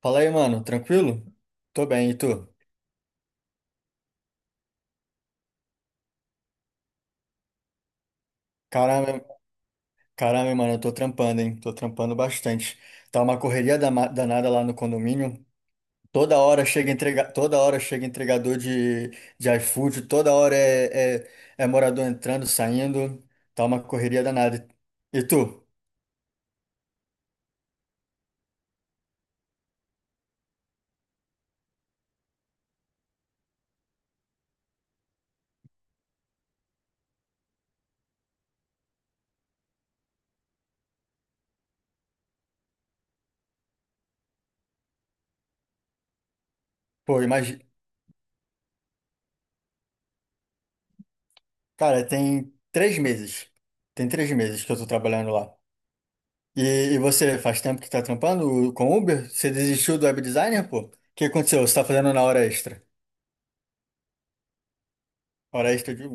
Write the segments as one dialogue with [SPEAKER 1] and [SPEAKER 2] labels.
[SPEAKER 1] Fala aí, mano, tranquilo? Tô bem, e tu? Caramba, caramba, mano, eu tô trampando, hein? Tô trampando bastante. Tá uma correria danada lá no condomínio. Toda hora chega entrega, toda hora chega entregador de iFood, toda hora é morador entrando, saindo. Tá uma correria danada. E tu? Pô, imagina. Cara, tem três meses. Tem três meses que eu tô trabalhando lá. E você faz tempo que tá trampando com Uber? Você desistiu do web designer, pô? O que aconteceu? Você tá fazendo na hora extra? Hora extra de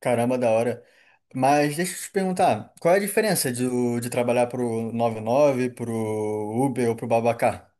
[SPEAKER 1] caramba da hora. Mas deixa eu te perguntar, qual é a diferença de trabalhar pro 99, pro Uber ou pro Babacar?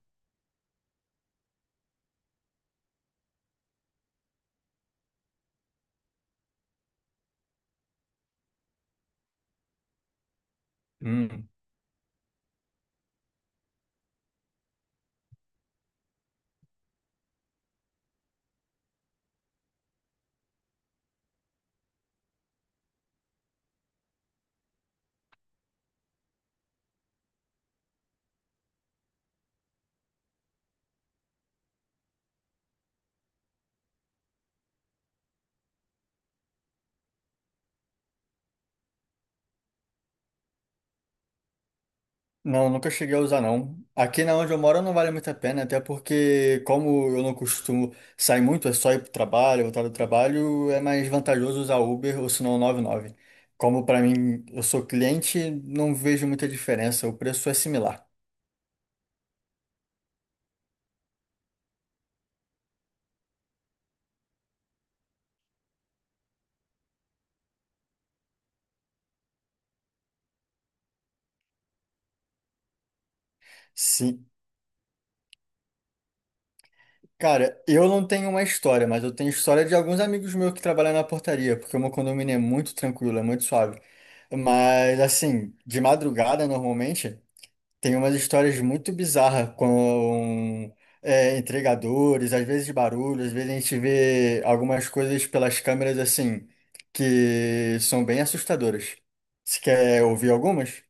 [SPEAKER 1] Não, nunca cheguei a usar não. Aqui na onde eu moro não vale muito a pena, até porque como eu não costumo sair muito, é só ir pro trabalho, voltar do trabalho, é mais vantajoso usar Uber ou se não 99. Como para mim, eu sou cliente, não vejo muita diferença, o preço é similar. Sim. Cara, eu não tenho uma história, mas eu tenho história de alguns amigos meus que trabalham na portaria, porque o meu condomínio é muito tranquilo, é muito suave. Mas assim, de madrugada normalmente tem umas histórias muito bizarras com entregadores, às vezes barulho, às vezes a gente vê algumas coisas pelas câmeras assim, que são bem assustadoras. Você quer ouvir algumas?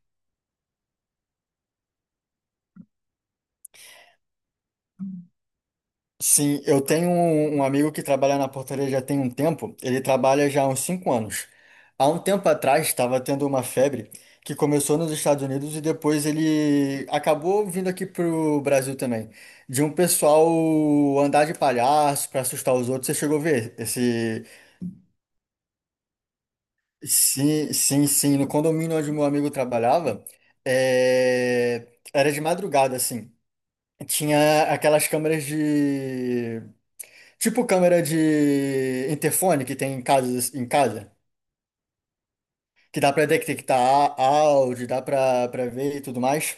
[SPEAKER 1] Sim, eu tenho um amigo que trabalha na portaria já tem um tempo, ele trabalha já há uns 5 anos. Há um tempo atrás estava tendo uma febre que começou nos Estados Unidos e depois ele acabou vindo aqui para o Brasil também. De um pessoal andar de palhaço para assustar os outros, você chegou a ver esse... Sim, sim, sim, no condomínio onde meu amigo trabalhava, é, era de madrugada, assim. Tinha aquelas câmeras de tipo câmera de interfone que tem em casa, que dá pra detectar áudio, dá pra ver e tudo mais.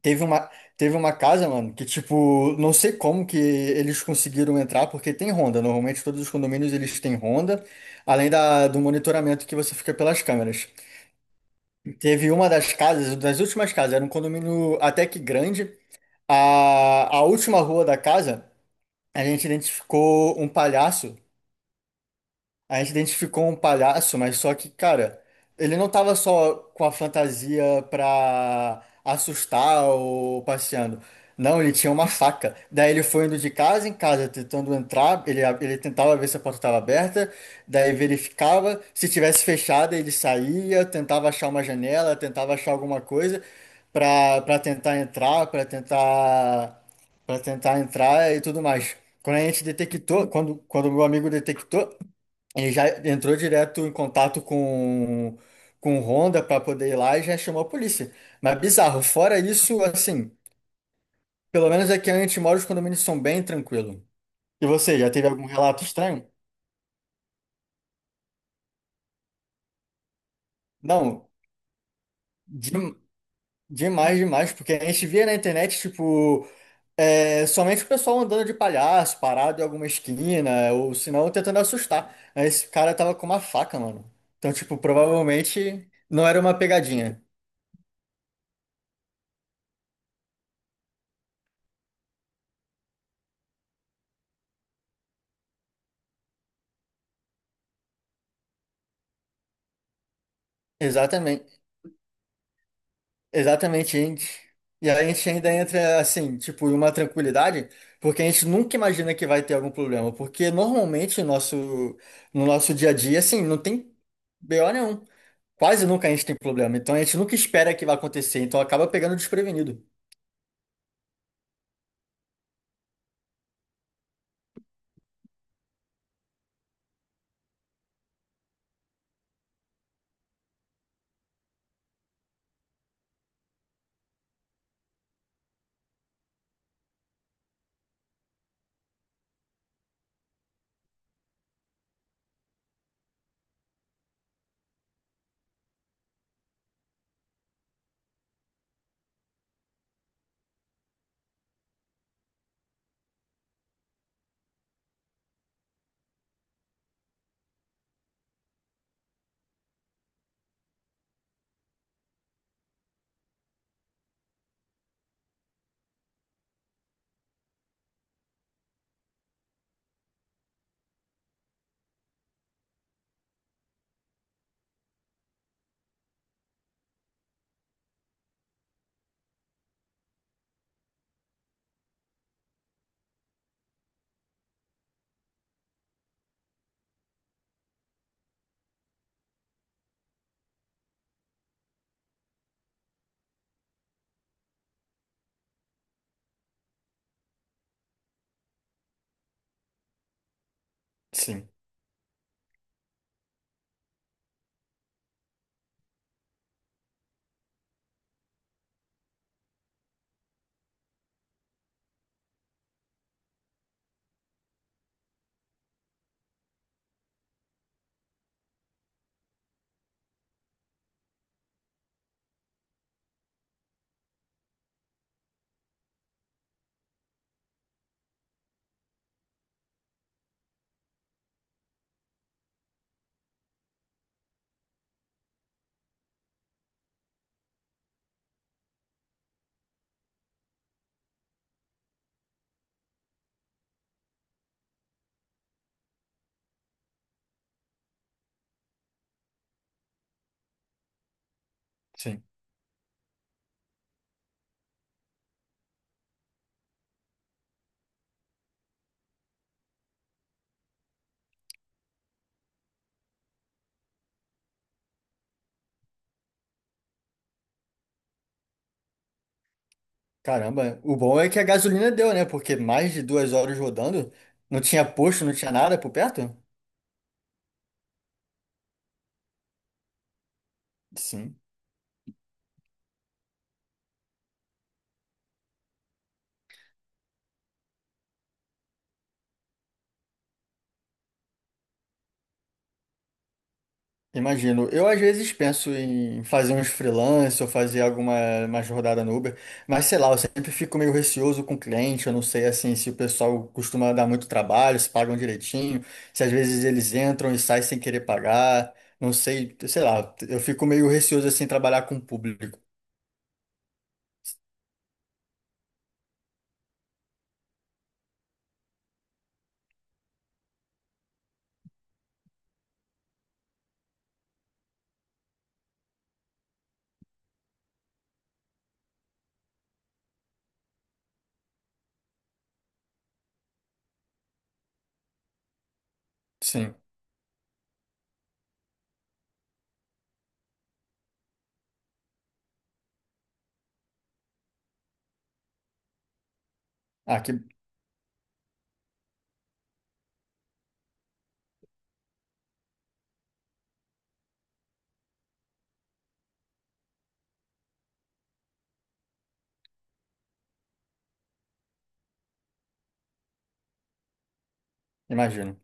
[SPEAKER 1] Teve uma, Teve uma casa, mano, que tipo, não sei como que eles conseguiram entrar, porque tem ronda. Normalmente todos os condomínios eles têm ronda, além do monitoramento que você fica pelas câmeras. Teve uma das casas, das últimas casas, era um condomínio até que grande. A última rua da casa, a gente identificou um palhaço. A gente identificou um palhaço, mas só que, cara, ele não tava só com a fantasia pra assustar ou passeando. Não, ele tinha uma faca. Daí ele foi indo de casa em casa, tentando entrar. Ele tentava ver se a porta estava aberta, daí verificava. Se tivesse fechada, ele saía, tentava achar uma janela, tentava achar alguma coisa pra tentar entrar, pra tentar para tentar entrar e tudo mais. Quando a gente detectou, quando, quando o meu amigo detectou, ele já entrou direto em contato com o Honda para poder ir lá e já chamou a polícia. Mas bizarro, fora isso, assim, pelo menos aqui onde a gente mora, os condomínios são bem tranquilos. E você, já teve algum relato estranho? Não, dem- demais, demais, porque a gente via na internet, tipo, somente o pessoal andando de palhaço, parado em alguma esquina, ou se não, tentando assustar. Aí esse cara tava com uma faca, mano. Então, tipo, provavelmente não era uma pegadinha. Exatamente. Exatamente, a gente. E aí a gente ainda entra assim, tipo, em uma tranquilidade, porque a gente nunca imagina que vai ter algum problema, porque normalmente no nosso dia a dia, assim, não tem BO nenhum. Quase nunca a gente tem problema, então a gente nunca espera que vai acontecer, então acaba pegando desprevenido. Sim, sim. Caramba, o bom é que a gasolina deu, né? Porque mais de 2 horas rodando, não tinha posto, não tinha nada por perto? Sim. Imagino. Eu às vezes penso em fazer uns freelance ou fazer alguma uma rodada no Uber, mas sei lá, eu sempre fico meio receoso com o cliente, eu não sei assim se o pessoal costuma dar muito trabalho, se pagam direitinho, se às vezes eles entram e saem sem querer pagar, não sei, sei lá, eu fico meio receoso assim em trabalhar com o público. Sim. Ah, que imagino.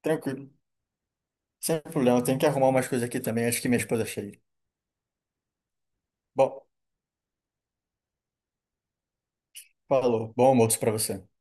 [SPEAKER 1] Tranquilo. Sem problema, eu tenho que arrumar umas coisas aqui também, acho que minha esposa chega. Bom, falou. Bom almoço pra você.